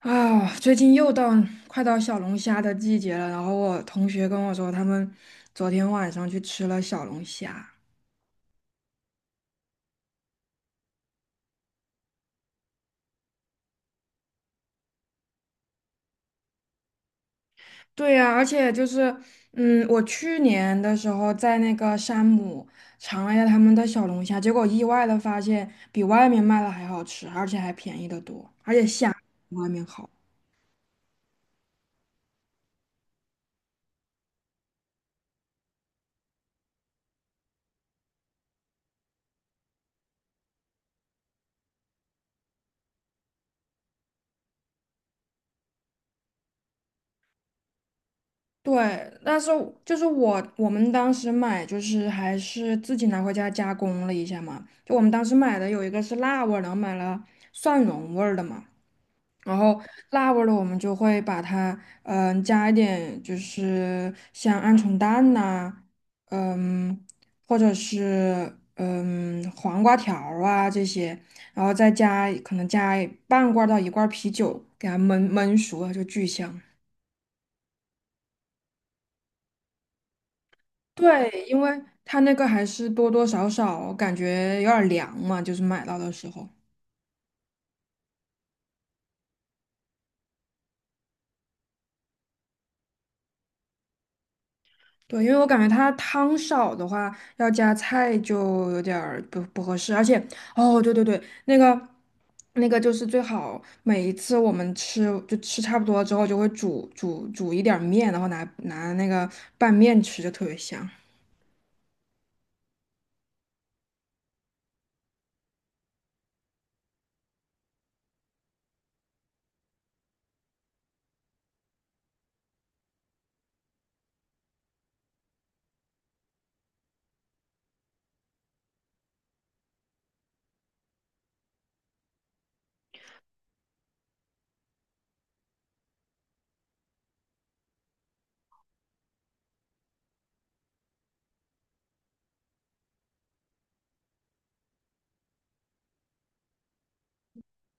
啊，最近快到小龙虾的季节了。然后我同学跟我说，他们昨天晚上去吃了小龙虾。对呀，而且我去年的时候在那个山姆尝了一下他们的小龙虾，结果意外的发现比外面卖的还好吃，而且还便宜的多，而且虾比外面好。对，但是就是我们当时买就是还是自己拿回家加工了一下嘛。就我们当时买的有一个是辣味儿，然后买了蒜蓉味儿的嘛，然后辣味儿的我们就会把它加一点就是像鹌鹑蛋呐、嗯或者是黄瓜条儿啊这些，然后再加可能加半罐儿到一罐儿啤酒给它焖焖熟了就巨香。对，因为它那个还是多多少少感觉有点儿凉嘛，就是买到的时候。对，因为我感觉它汤少的话，要加菜就有点儿不合适。而且哦，对对对，那个就是最好每一次我们吃就吃差不多之后，就会煮一点儿面，然后拿那个拌面吃，就特别香。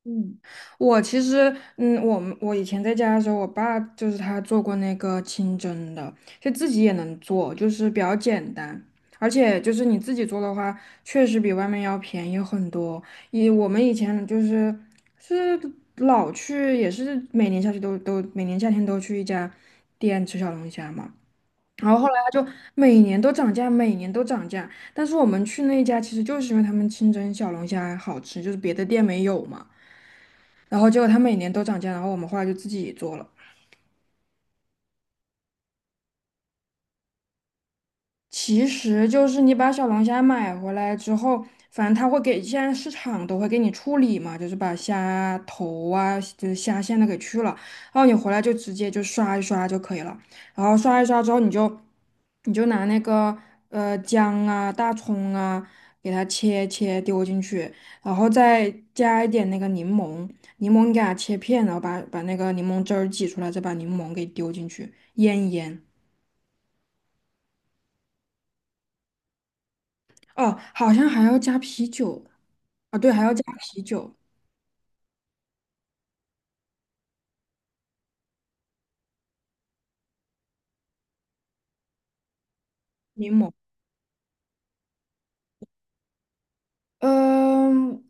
嗯，我其实，嗯，我以前在家的时候，我爸就是他做过那个清蒸的，就自己也能做，就是比较简单。而且就是你自己做的话，确实比外面要便宜很多。以我们以前就是是老去，也是每年下去都每年夏天都去一家店吃小龙虾嘛。然后后来他就每年都涨价，每年都涨价，但是我们去那一家其实就是因为他们清蒸小龙虾好吃，就是别的店没有嘛。然后结果他每年都涨价，然后我们后来就自己做了。其实就是你把小龙虾买回来之后，反正他会给，现在市场都会给你处理嘛，就是把虾头啊，就是虾线都给去了，然后你回来就直接就刷一刷就可以了。然后刷一刷之后，你就拿那个姜啊、大葱啊，给它切切丢进去，然后再加一点那个柠檬。柠檬你给它切片，然后把那个柠檬汁儿挤出来，再把柠檬给丢进去，腌一腌。哦，好像还要加啤酒，啊，对，还要加啤酒、柠檬。嗯，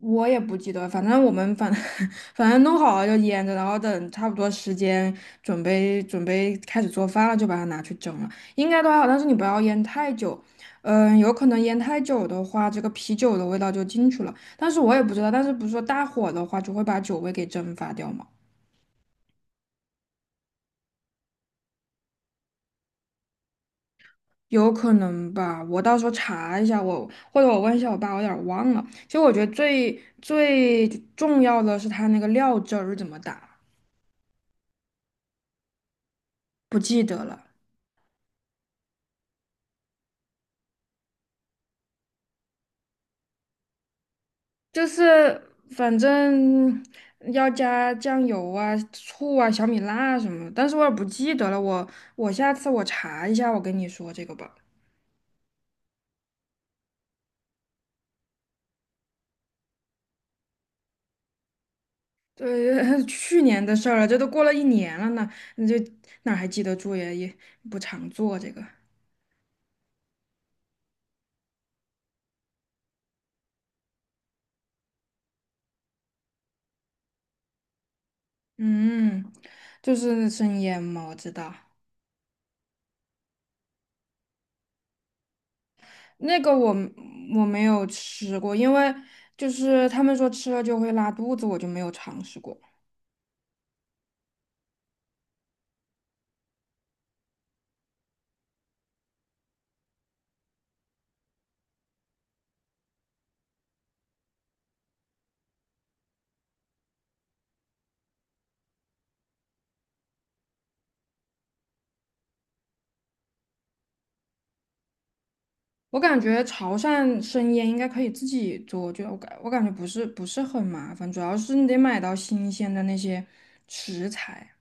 我也不记得，反正我们反 反正弄好了就腌着，然后等差不多时间准备开始做饭了，就把它拿去蒸了，应该都还好，但是你不要腌太久。嗯，有可能腌太久的话，这个啤酒的味道就进去了。但是我也不知道，但是不是说大火的话就会把酒味给蒸发掉吗？有可能吧，我到时候查一下，我或者我问一下我爸，我有点儿忘了。其实我觉得最重要的是他那个料汁儿怎么打，不记得了。就是反正要加酱油啊、醋啊、小米辣什么的，但是我也不记得了。我下次我查一下，我跟你说这个吧。对，去年的事儿了，这都过了一年了呢，你就哪儿还记得住呀？也不常做这个。嗯，就是生腌嘛，我知道，那个我没有吃过，因为就是他们说吃了就会拉肚子，我就没有尝试过。我感觉潮汕生腌应该可以自己做，就我感觉不是很麻烦，主要是你得买到新鲜的那些食材。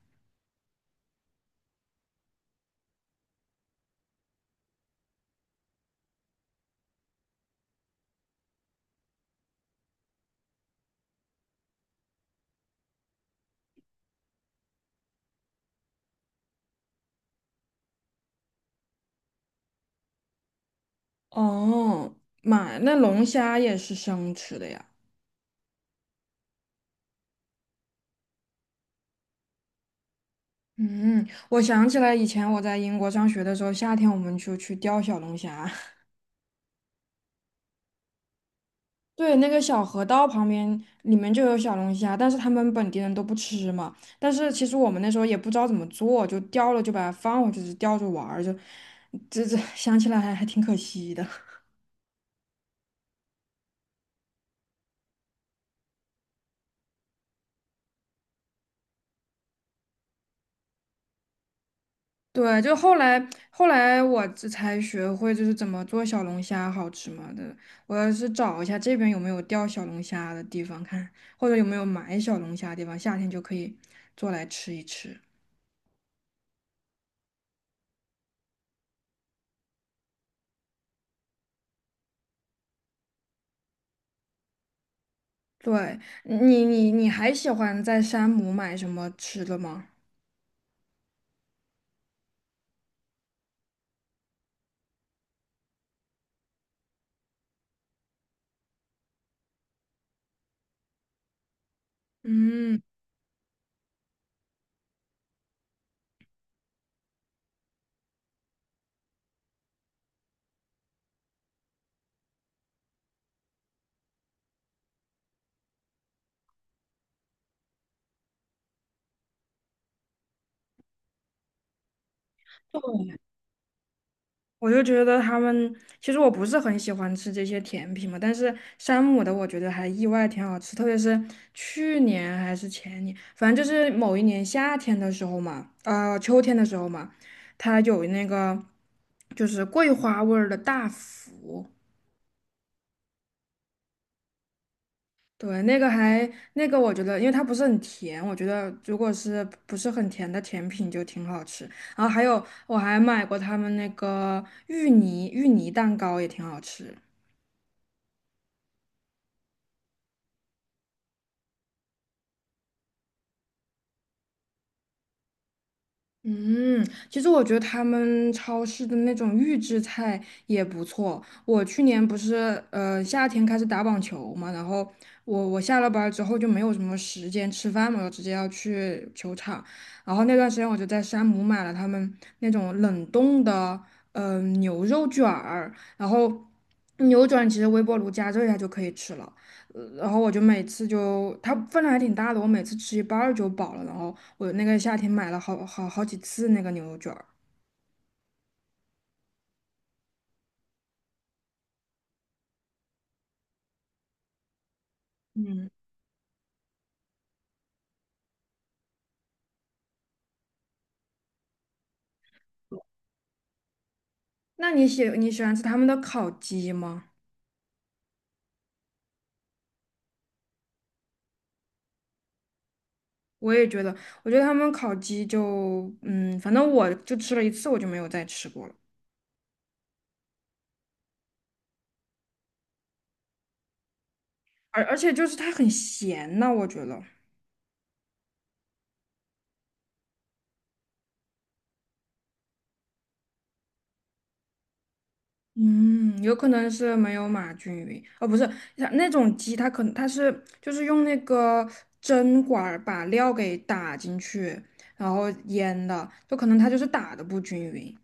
哦，买那龙虾也是生吃的呀。嗯，我想起来以前我在英国上学的时候，夏天我们就去钓小龙虾。对，那个小河道旁边里面就有小龙虾，但是他们本地人都不吃嘛。但是其实我们那时候也不知道怎么做，就钓了就把它放回去，就钓着玩儿，就这想起来还挺可惜的。对，就后来我这才学会就是怎么做小龙虾好吃嘛的。我要是找一下这边有没有钓小龙虾的地方看，或者有没有买小龙虾的地方，夏天就可以做来吃一吃。对，你还喜欢在山姆买什么吃的吗？嗯，我就觉得他们，其实我不是很喜欢吃这些甜品嘛，但是山姆的我觉得还意外挺好吃。特别是去年还是前年，反正就是某一年夏天的时候嘛，秋天的时候嘛，它有那个就是桂花味儿的大福。对，那个还那个我觉得，因为它不是很甜，我觉得如果是不是很甜的甜品就挺好吃。然后还有我还买过他们那个芋泥蛋糕也挺好吃。嗯，其实我觉得他们超市的那种预制菜也不错。我去年不是夏天开始打网球嘛，然后我下了班儿之后就没有什么时间吃饭嘛，我直接要去球场。然后那段时间我就在山姆买了他们那种冷冻的牛肉卷儿。然后牛肉卷其实微波炉加热一下就可以吃了。然后我就每次就它分量还挺大的，我每次吃一半儿就饱了。然后我那个夏天买了好几次那个牛肉卷儿。嗯，那你喜欢吃他们的烤鸡吗？我也觉得，我觉得他们烤鸡就嗯，反正我就吃了一次，我就没有再吃过了。而且就是它很咸呐，我觉得。嗯，有可能是没有码均匀，哦，不是，它那种鸡它可能它是就是用那个针管儿把料给打进去，然后腌的，就可能它就是打的不均匀。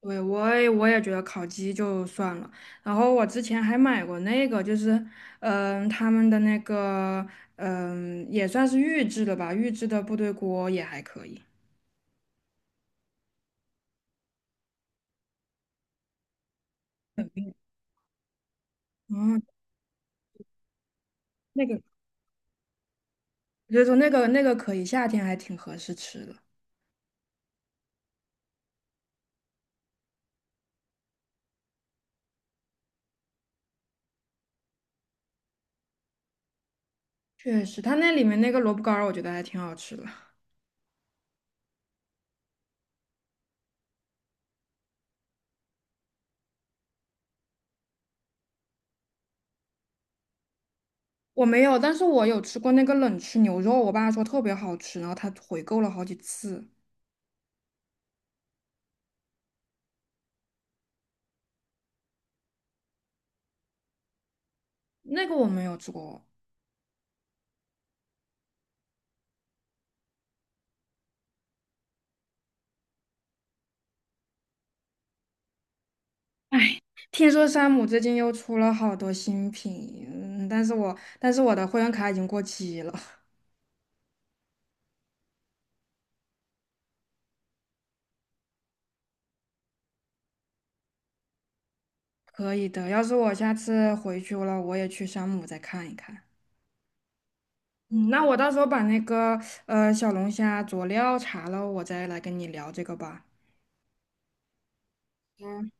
对，我也觉得烤鸡就算了。然后我之前还买过那个，就是他们的那个也算是预制的吧，预制的部队锅也还可以。嗯，那个就是说那个可以，夏天还挺合适吃的。确实，它那里面那个萝卜干儿，我觉得还挺好吃的。我没有，但是我有吃过那个冷吃牛肉，我爸说特别好吃，然后他回购了好几次。那个我没有吃过。哎，听说山姆最近又出了好多新品。嗯，但是我的会员卡已经过期了。可以的，要是我下次回去了，我也去山姆再看一看。嗯，那我到时候把那个小龙虾佐料查了，我再来跟你聊这个吧。嗯。